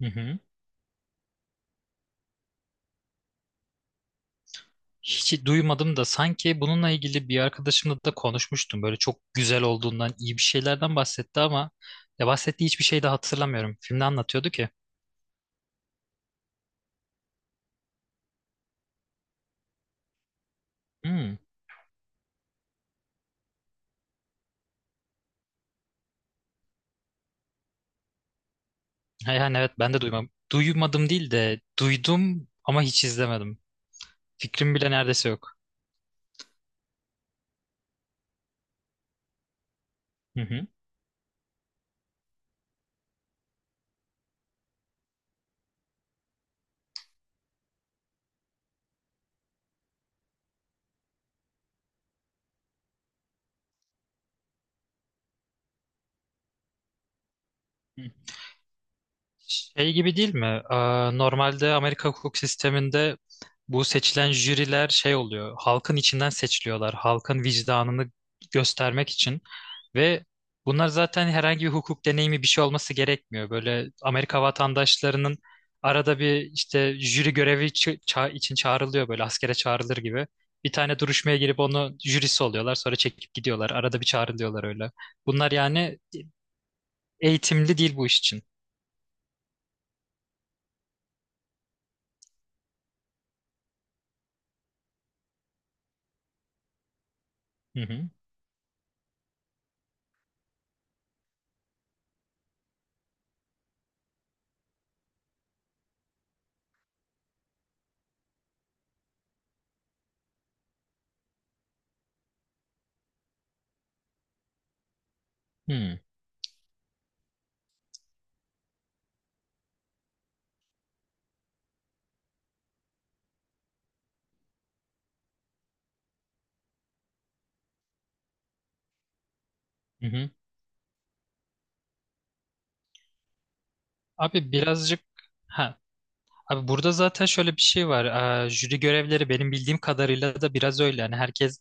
Hı hı. Hiç duymadım da sanki bununla ilgili bir arkadaşımla da konuşmuştum. Böyle çok güzel olduğundan, iyi bir şeylerden bahsetti ama ya bahsettiği hiçbir şey de hatırlamıyorum. Filmde anlatıyordu ki. Hmm. Ha, yani evet ben de duymam. Duymadım değil de duydum ama hiç izlemedim. Fikrim bile neredeyse yok. Hı hı. Şey gibi değil mi? Normalde Amerika hukuk sisteminde bu seçilen jüriler şey oluyor. Halkın içinden seçiliyorlar. Halkın vicdanını göstermek için. Ve bunlar zaten herhangi bir hukuk deneyimi bir şey olması gerekmiyor. Böyle Amerika vatandaşlarının arada bir işte jüri görevi için çağrılıyor böyle askere çağrılır gibi. Bir tane duruşmaya girip onu jürisi oluyorlar. Sonra çekip gidiyorlar. Arada bir çağrılıyorlar öyle. Bunlar yani eğitimli değil bu iş için. Hı hı. Hı hı. Abi birazcık, ha, abi burada zaten şöyle bir şey var. Jüri görevleri benim bildiğim kadarıyla da biraz öyle. Hani herkes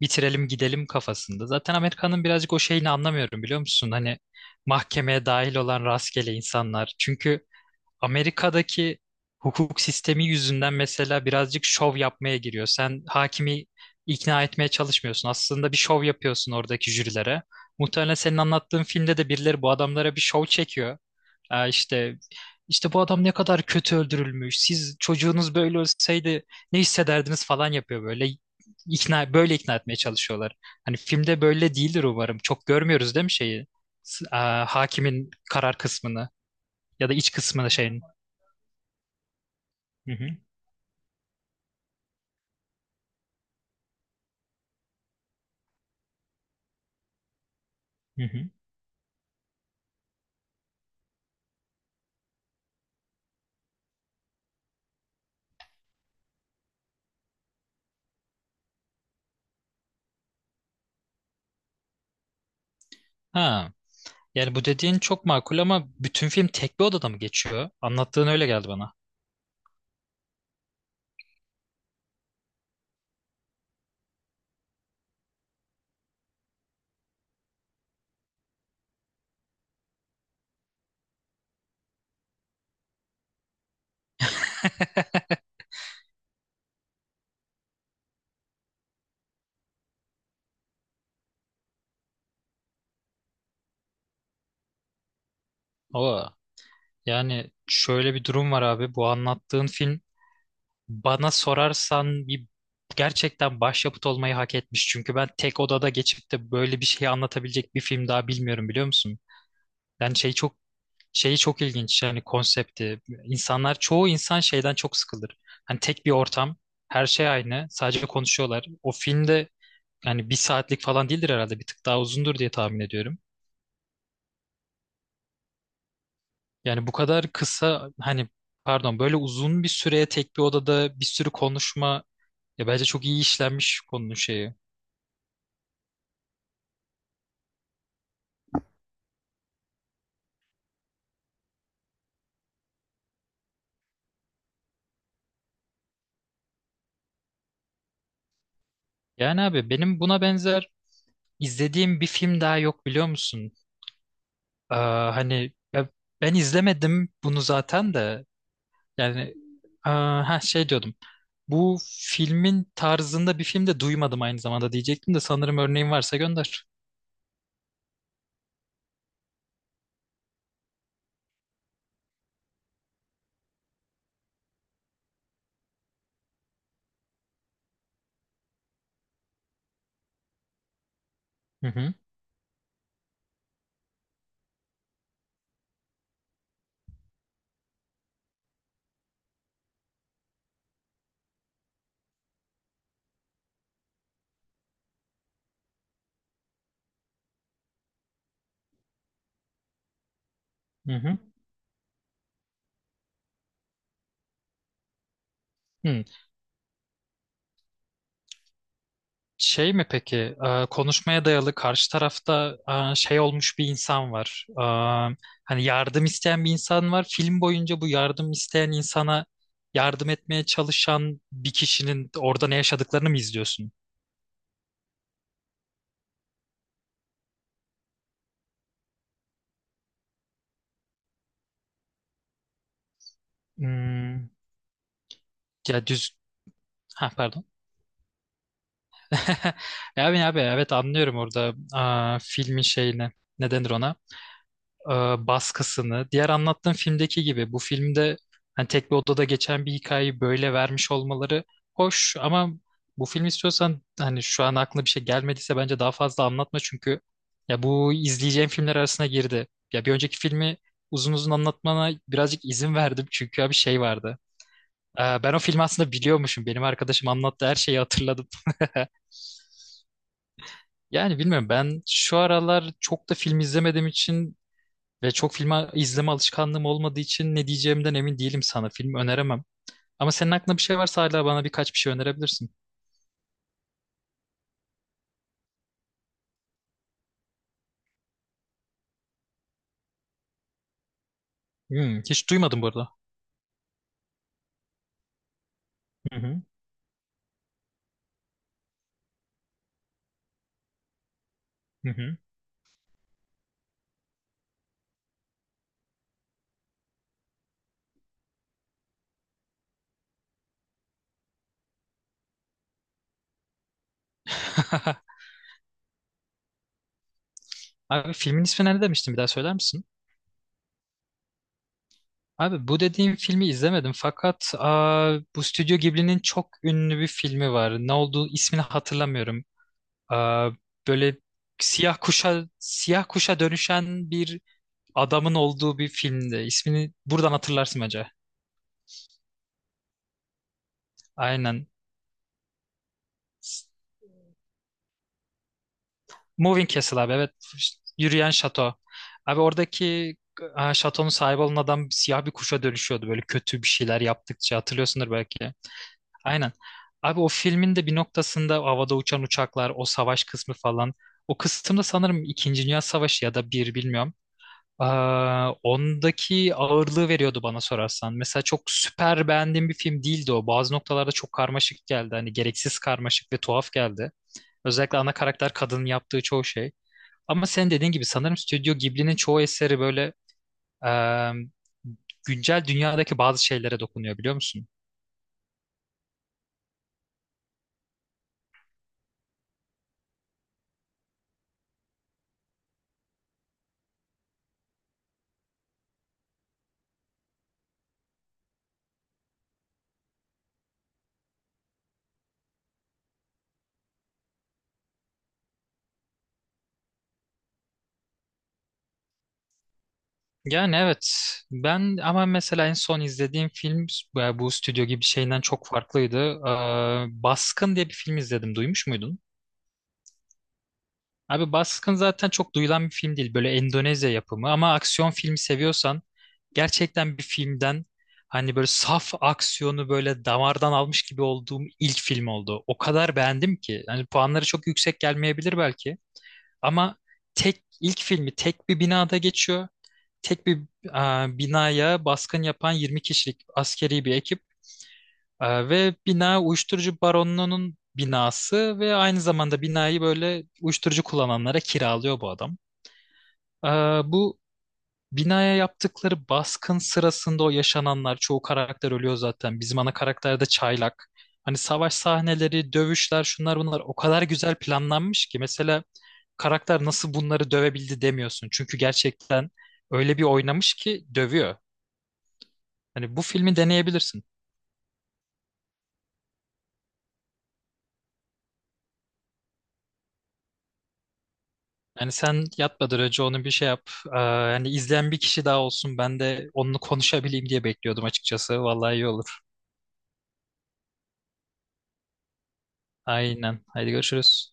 bitirelim gidelim kafasında. Zaten Amerika'nın birazcık o şeyini anlamıyorum biliyor musun? Hani mahkemeye dahil olan rastgele insanlar. Çünkü Amerika'daki hukuk sistemi yüzünden mesela birazcık şov yapmaya giriyor. Sen hakimi ikna etmeye çalışmıyorsun. Aslında bir şov yapıyorsun oradaki jürilere. Muhtemelen senin anlattığın filmde de birileri bu adamlara bir şov çekiyor. İşte işte bu adam ne kadar kötü öldürülmüş. Siz çocuğunuz böyle ölseydi ne hissederdiniz falan yapıyor böyle. Böyle ikna etmeye çalışıyorlar. Hani filmde böyle değildir umarım. Çok görmüyoruz değil mi şeyi? Hakimin karar kısmını ya da iç kısmını şeyin. Hı hı, hı hı. Ha, yani bu dediğin çok makul ama bütün film tek bir odada mı geçiyor? Anlattığın öyle geldi bana. Oo, yani şöyle bir durum var abi. Bu anlattığın film bana sorarsan bir gerçekten başyapıt olmayı hak etmiş. Çünkü ben tek odada geçip de böyle bir şey anlatabilecek bir film daha bilmiyorum biliyor musun? Yani şey çok şeyi çok ilginç, yani konsepti. İnsanlar, çoğu insan şeyden çok sıkılır. Hani tek bir ortam, her şey aynı, sadece konuşuyorlar. O filmde, yani bir saatlik falan değildir herhalde. Bir tık daha uzundur diye tahmin ediyorum. Yani bu kadar kısa, hani pardon, böyle uzun bir süreye tek bir odada bir sürü konuşma, ya bence çok iyi işlenmiş konunun şeyi. Yani abi benim buna benzer izlediğim bir film daha yok biliyor musun? Hani ya ben izlemedim bunu zaten de, yani ha şey diyordum. Bu filmin tarzında bir film de duymadım aynı zamanda diyecektim, de sanırım örneğin varsa gönder. Hı hı. Hı hı. Hı. Şey mi peki konuşmaya dayalı karşı tarafta şey olmuş bir insan var. Hani yardım isteyen bir insan var. Film boyunca bu yardım isteyen insana yardım etmeye çalışan bir kişinin orada ne yaşadıklarını mı izliyorsun? Hmm, ya düz... Ha pardon. Ya abi abi evet anlıyorum orada filmin şeyini. Ne denir ona? e, baskısını, diğer anlattığım filmdeki gibi bu filmde hani tek bir odada geçen bir hikayeyi böyle vermiş olmaları hoş ama bu film istiyorsan, hani şu an aklına bir şey gelmediyse bence daha fazla anlatma çünkü ya bu izleyeceğim filmler arasına girdi. Ya bir önceki filmi uzun uzun anlatmana birazcık izin verdim çünkü ya bir şey vardı. Ben o filmi aslında biliyormuşum. Benim arkadaşım anlattı, her şeyi hatırladım. Yani bilmiyorum, ben şu aralar çok da film izlemediğim için ve çok film izleme alışkanlığım olmadığı için ne diyeceğimden emin değilim sana. Film öneremem. Ama senin aklında bir şey varsa hala bana birkaç bir şey önerebilirsin. Hiç duymadım bu arada. Hı hı, hı hı. Abi filmin ismi ne demiştin bir daha söyler misin? Abi bu dediğim filmi izlemedim fakat bu Stüdyo Ghibli'nin çok ünlü bir filmi var. Ne olduğu ismini hatırlamıyorum. Aa, böyle siyah kuşa dönüşen bir adamın olduğu bir filmdi. İsmini buradan hatırlarsın acaba? Aynen. Moving Castle abi, evet. İşte Yürüyen Şato. Abi oradaki şatonun sahibi olan adam siyah bir kuşa dönüşüyordu böyle, kötü bir şeyler yaptıkça hatırlıyorsundur belki. Aynen. Abi o filmin de bir noktasında havada uçan uçaklar, o savaş kısmı falan. O kısımda sanırım İkinci Dünya Savaşı ya da bir bilmiyorum. Ondaki ağırlığı veriyordu bana sorarsan. Mesela çok süper beğendiğim bir film değildi o. Bazı noktalarda çok karmaşık geldi. Hani gereksiz karmaşık ve tuhaf geldi. Özellikle ana karakter kadının yaptığı çoğu şey. Ama sen dediğin gibi sanırım Stüdyo Ghibli'nin çoğu eseri böyle e, güncel dünyadaki bazı şeylere dokunuyor biliyor musun? Yani evet. Ben ama mesela en son izlediğim film bu Stüdyo Ghibli şeyinden çok farklıydı. Baskın diye bir film izledim. Duymuş muydun? Abi Baskın zaten çok duyulan bir film değil. Böyle Endonezya yapımı ama aksiyon filmi seviyorsan gerçekten bir filmden, hani böyle saf aksiyonu böyle damardan almış gibi olduğum ilk film oldu. O kadar beğendim ki. Hani puanları çok yüksek gelmeyebilir belki ama tek ilk filmi tek bir binada geçiyor. Tek bir binaya baskın yapan 20 kişilik askeri bir ekip, ve bina uyuşturucu baronunun binası ve aynı zamanda binayı böyle uyuşturucu kullananlara kiralıyor bu adam. Bu binaya yaptıkları baskın sırasında o yaşananlar, çoğu karakter ölüyor zaten. Bizim ana karakter de çaylak. Hani savaş sahneleri, dövüşler, şunlar bunlar o kadar güzel planlanmış ki mesela karakter nasıl bunları dövebildi demiyorsun. Çünkü gerçekten öyle bir oynamış ki dövüyor. Hani bu filmi deneyebilirsin. Yani sen yatmadan önce onun bir şey yap. Yani izleyen bir kişi daha olsun. Ben de onunla konuşabileyim diye bekliyordum açıkçası. Vallahi iyi olur. Aynen. Haydi görüşürüz.